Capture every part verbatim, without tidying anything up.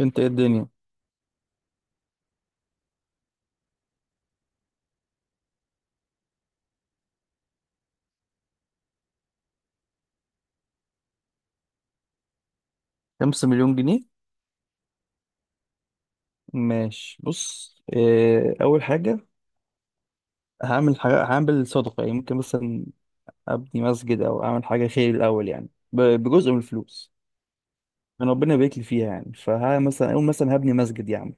انت ايه الدنيا؟ خمسة مليون جنيه. ماشي، بص، اه اول حاجة، هعمل حاجة، هعمل صدقة، يعني ممكن مثلا ابني مسجد او اعمل حاجة خير الاول، يعني ب- بجزء من الفلوس من ربنا يبارك لي فيها، يعني فها مثلا اقول مثلا هبني مسجد يعني،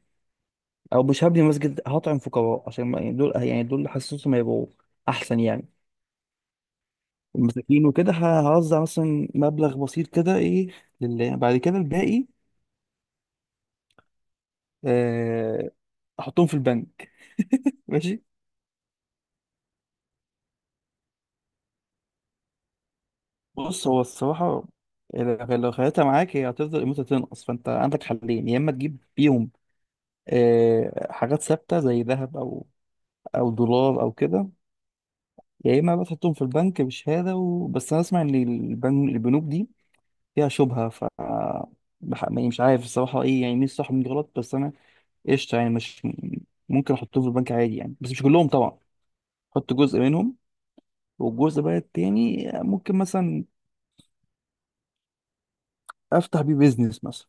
او مش هبني مسجد، هطعم فقراء عشان ما- يعني دول يعني دول اللي حاسسهم هيبقوا احسن يعني، المساكين وكده، ه- هوزع مثلا مبلغ بسيط كده ايه لله، بعد كده الباقي اه احطهم في البنك. ماشي. بص، هو الصراحة، لو لو خليتها معاك هي هتفضل قيمتها تنقص، فانت عندك حلين، يا اما تجيب بيهم آه، حاجات ثابتة زي ذهب، او او دولار او كده، يا اما بقى تحطهم في البنك بشهادة و... بس انا اسمع ان البنك البنوك دي فيها شبهة، ف بح- يعني مش عارف الصراحة ايه، يعني مين الصح ومين غلط، بس انا قشطة، يعني مش ممكن احطهم في البنك عادي يعني، بس مش كلهم طبعا، احط جزء منهم، والجزء بقى التاني ممكن مثلا افتح بيه بيزنس مثلا.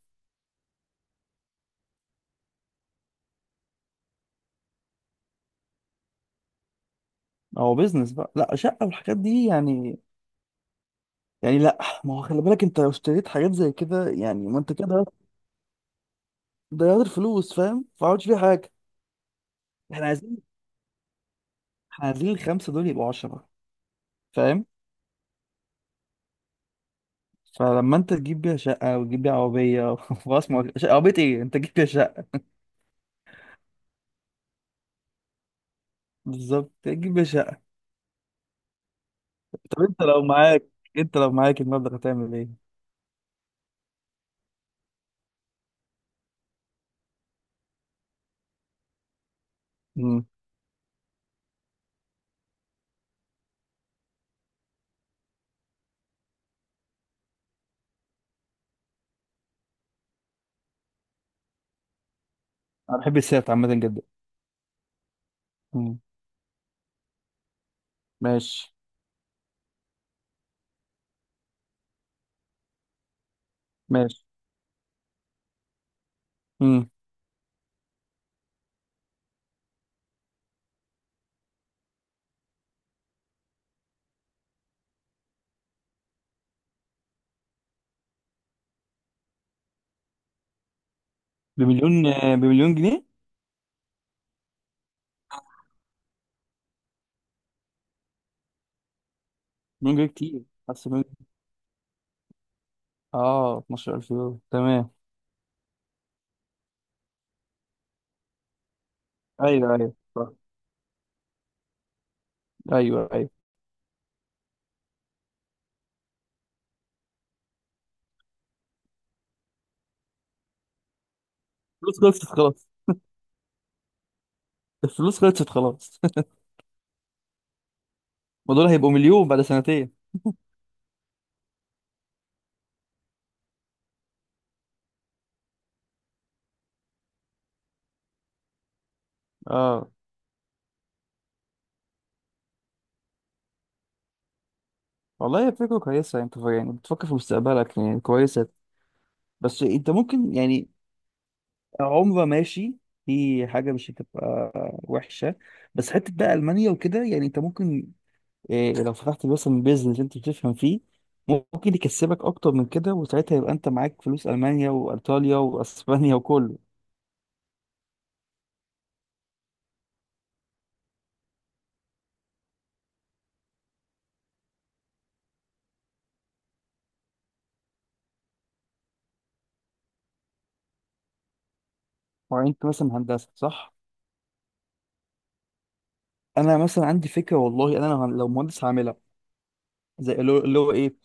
هو بيزنس بقى، لا شقة والحاجات دي يعني يعني لا، ما هو خلي بالك، انت لو اشتريت حاجات زي كده يعني، ما انت كده ضيعت ضيعت الفلوس، فاهم، ما عملتش فيها حاجة. احنا عايزين احنا عايزين الخمسة دول يبقوا عشرة، فاهم. فلما انت تجيب بيها شقة وتجيب بيها عربية خلاص، ما هو شقة- عربية ايه، انت تجيب بيها شقة، بالظبط، تجيب بيها شقة. طب انت لو معاك انت لو معاك المبلغ هتعمل ايه؟ امم انا بحب السيارات عامة جدا. امم. ماشي. ماشي. امم. بمليون آه، بمليون جنيه. مليون جنيه كتير، بس اه اتناشر الف يورو تمام. ايوه ايوه صح. ايوه ايوه. الفلوس خلصت خلاص. الفلوس خلصت خلاص. ما دول هيبقوا مليون بعد سنتين. اه. والله هي فكره كويسه، انت ف- يعني بتفكر في مستقبلك، يعني كويسه، بس انت ممكن يعني، عمره ماشي في حاجه مش هتبقى وحشه، بس حته بقى المانيا وكده، يعني انت ممكن إيه، لو فتحت مثلا بيزنس انت بتفهم فيه ممكن يكسبك اكتر من كده، وساعتها يبقى انت معاك فلوس المانيا وايطاليا واسبانيا وكله. هو انت مثلا هندسه صح؟ انا مثلا عندي فكره، والله انا لو هن- لو مهندس هعملها. زي اللي هو اللي هو ايه،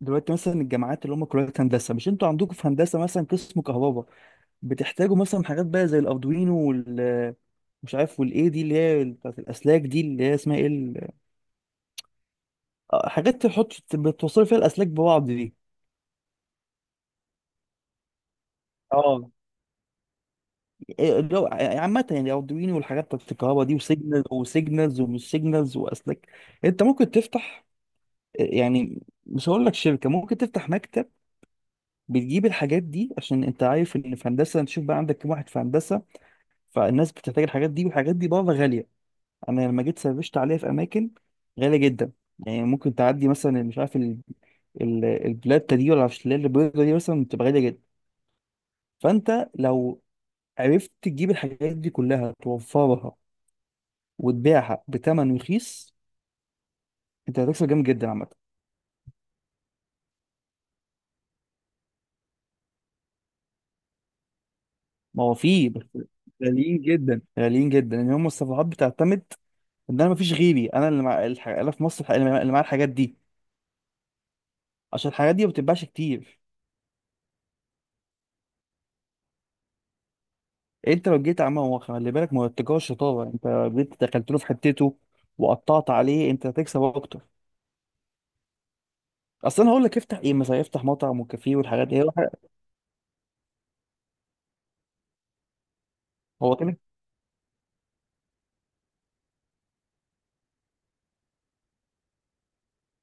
دلوقتي مثلا الجامعات اللي هم كليات هندسه، مش انتوا عندكم في هندسه مثلا قسم كهرباء بتحتاجوا مثلا حاجات بقى زي الاردوينو وال مش عارف والايه دي، اللي هي بتاعت الاسلاك دي، اللي هي اسمها ايه، ال- آه، حاجات تحط بتوصل فيها الاسلاك ببعض دي. اه إيه اللي هو ع- عامة يعني، أردوينو والحاجات بتاعت الكهرباء دي، وسيجنال وسيجنالز ومش سيجنالز وأسلاك. أنت ممكن تفتح، آه، يعني مش هقول لك شركة، ممكن تفتح مكتب بتجيب الحاجات دي، عشان انت عارف ان في هندسه، انت شوف بقى عندك كام واحد في هندسه، فالناس بتحتاج الحاجات دي، والحاجات دي بره غاليه. انا لما جيت سرشت عليها في اماكن غاليه جدا، يعني ممكن تعدي مثلا مش عارف، ال- ال- البلاته دي، ولا مش اللي هي البيضه دي، مثلا بتبقى غاليه جدا. فانت لو عرفت تجيب الحاجات دي كلها، توفرها وتبيعها بثمن رخيص، انت هتكسب جامد جدا عامه. ما هو في، بس غاليين جدا غاليين جدا، ان هم الصفحات بتعتمد ان انا مفيش غيري، انا اللي مع الح... انا في مصر الح- اللي معايا الحاجات دي، عشان الحاجات دي ما بتتباعش كتير. انت لو جيت عمال هو خلي بالك، ما هو التجاره شطاره، انت لو جيت دخلت له في حتته وقطعت عليه، انت هتكسب اكتر. اصل انا هقول لك افتح ايه، مثلا افتح مطعم وكافيه والحاجات دي. هو حاجة- هو كده،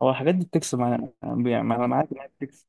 هو الحاجات دي بتكسب معانا يعني، انا معاك إنها بتكسب.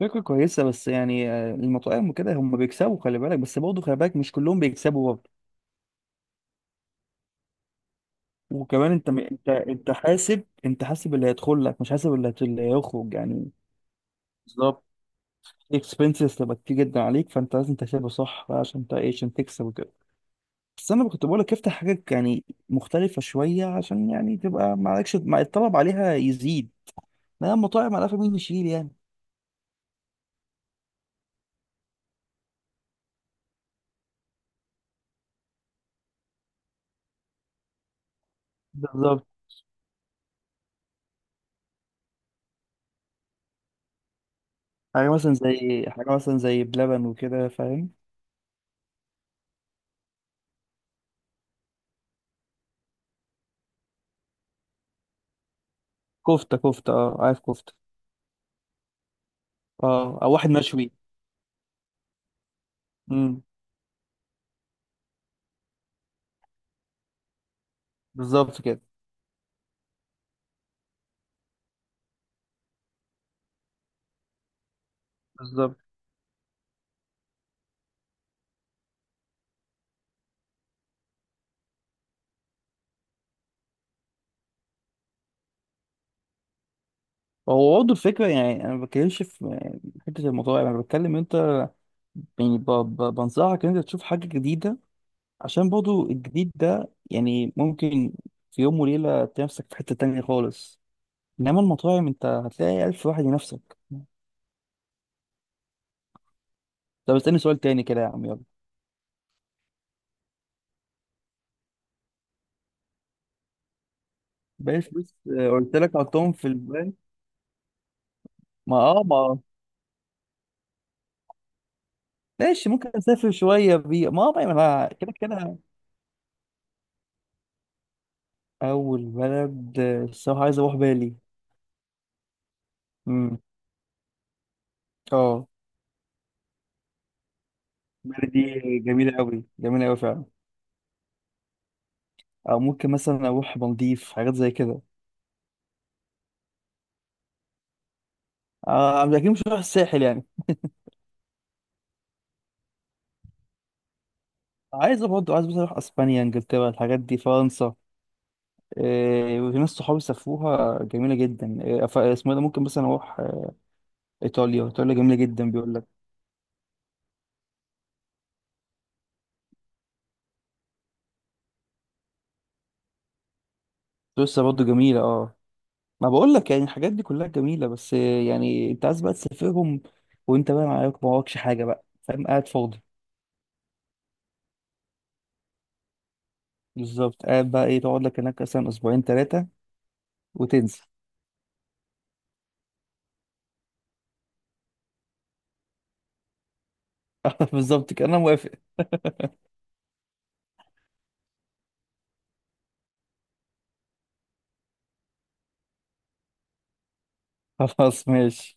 فكره كويسه، بس يعني، آه، المطاعم وكده هم بيكسبوا، خلي بالك، بس برضه خلي بالك مش كلهم بيكسبوا برضه. وكمان انت انت انت حاسب انت حاسب اللي هيدخل لك، مش حاسب اللي هت- اللي هيخرج يعني. بالظبط، الاكسبنسز تبقى كتير جدا عليك، فانت لازم تحسبه صح بقى، عشان انت ايه، عشان تكسب وكده. بس انا كنت بقول لك افتح حاجات يعني مختلفه شويه، عشان يعني تبقى ما عليكش، ما الطلب عليها يزيد، ما المطاعم على مين يشيل يعني. بالظبط. حاجه مثلا زي حاجه مثلا زي بلبن وكده، فاهم. كفته، كفته، اه عارف كفته. اه، او واحد مشوي. امم. بالظبط كده. بالظبط. هو برضه الفكره يعني، انا ما بتكلمش في يعني حته المطاعم، انا بتكلم انت يعني، ب- ب- بنصحك ان انت تشوف حاجه جديده، عشان برضو الجديد ده يعني ممكن في يوم وليلة تلاقي نفسك في حتة تانية خالص، إنما المطاعم أنت هتلاقي ألف واحد ينافسك. طب اسألني سؤال تاني كده يا عم، يلا. باقي الفلوس، آه، قلت لك حطهم في البنك. ما اه ما ماشي، ممكن أسافر شوية بيه ما آه، ما أنا كده كده. أول بلد، آه، الصراحة عايز أروح بالي. امم. اه. بالي دي جميلة أوي جميلة أوي فعلا، أو ممكن مثلا أروح مالديف، حاجات زي كده. آه أكيد، مش هروح الساحل يعني. عايز برضه عايز بس اروح اسبانيا، انجلترا، الحاجات دي، فرنسا، إيه. وفي ناس صحابي سافروها جميله جدا، إيه ف- اسمه إيه ده، ممكن مثلا اروح آه، ايطاليا، ايطاليا جميله جدا بيقول لك. سويسرا برضه جميله اه ما بقول لك يعني الحاجات دي كلها جميله، بس آه، يعني انت عايز بقى تسافرهم وانت بقى معاك، ما وراكش حاجه بقى، فاهم، قاعد فاضي. بالظبط، قاعد بقى ايه، تقعد لك هناك مثلا اسبوعين ثلاثه وتنسى. بالظبط كده، انا موافق. خلاص ماشي.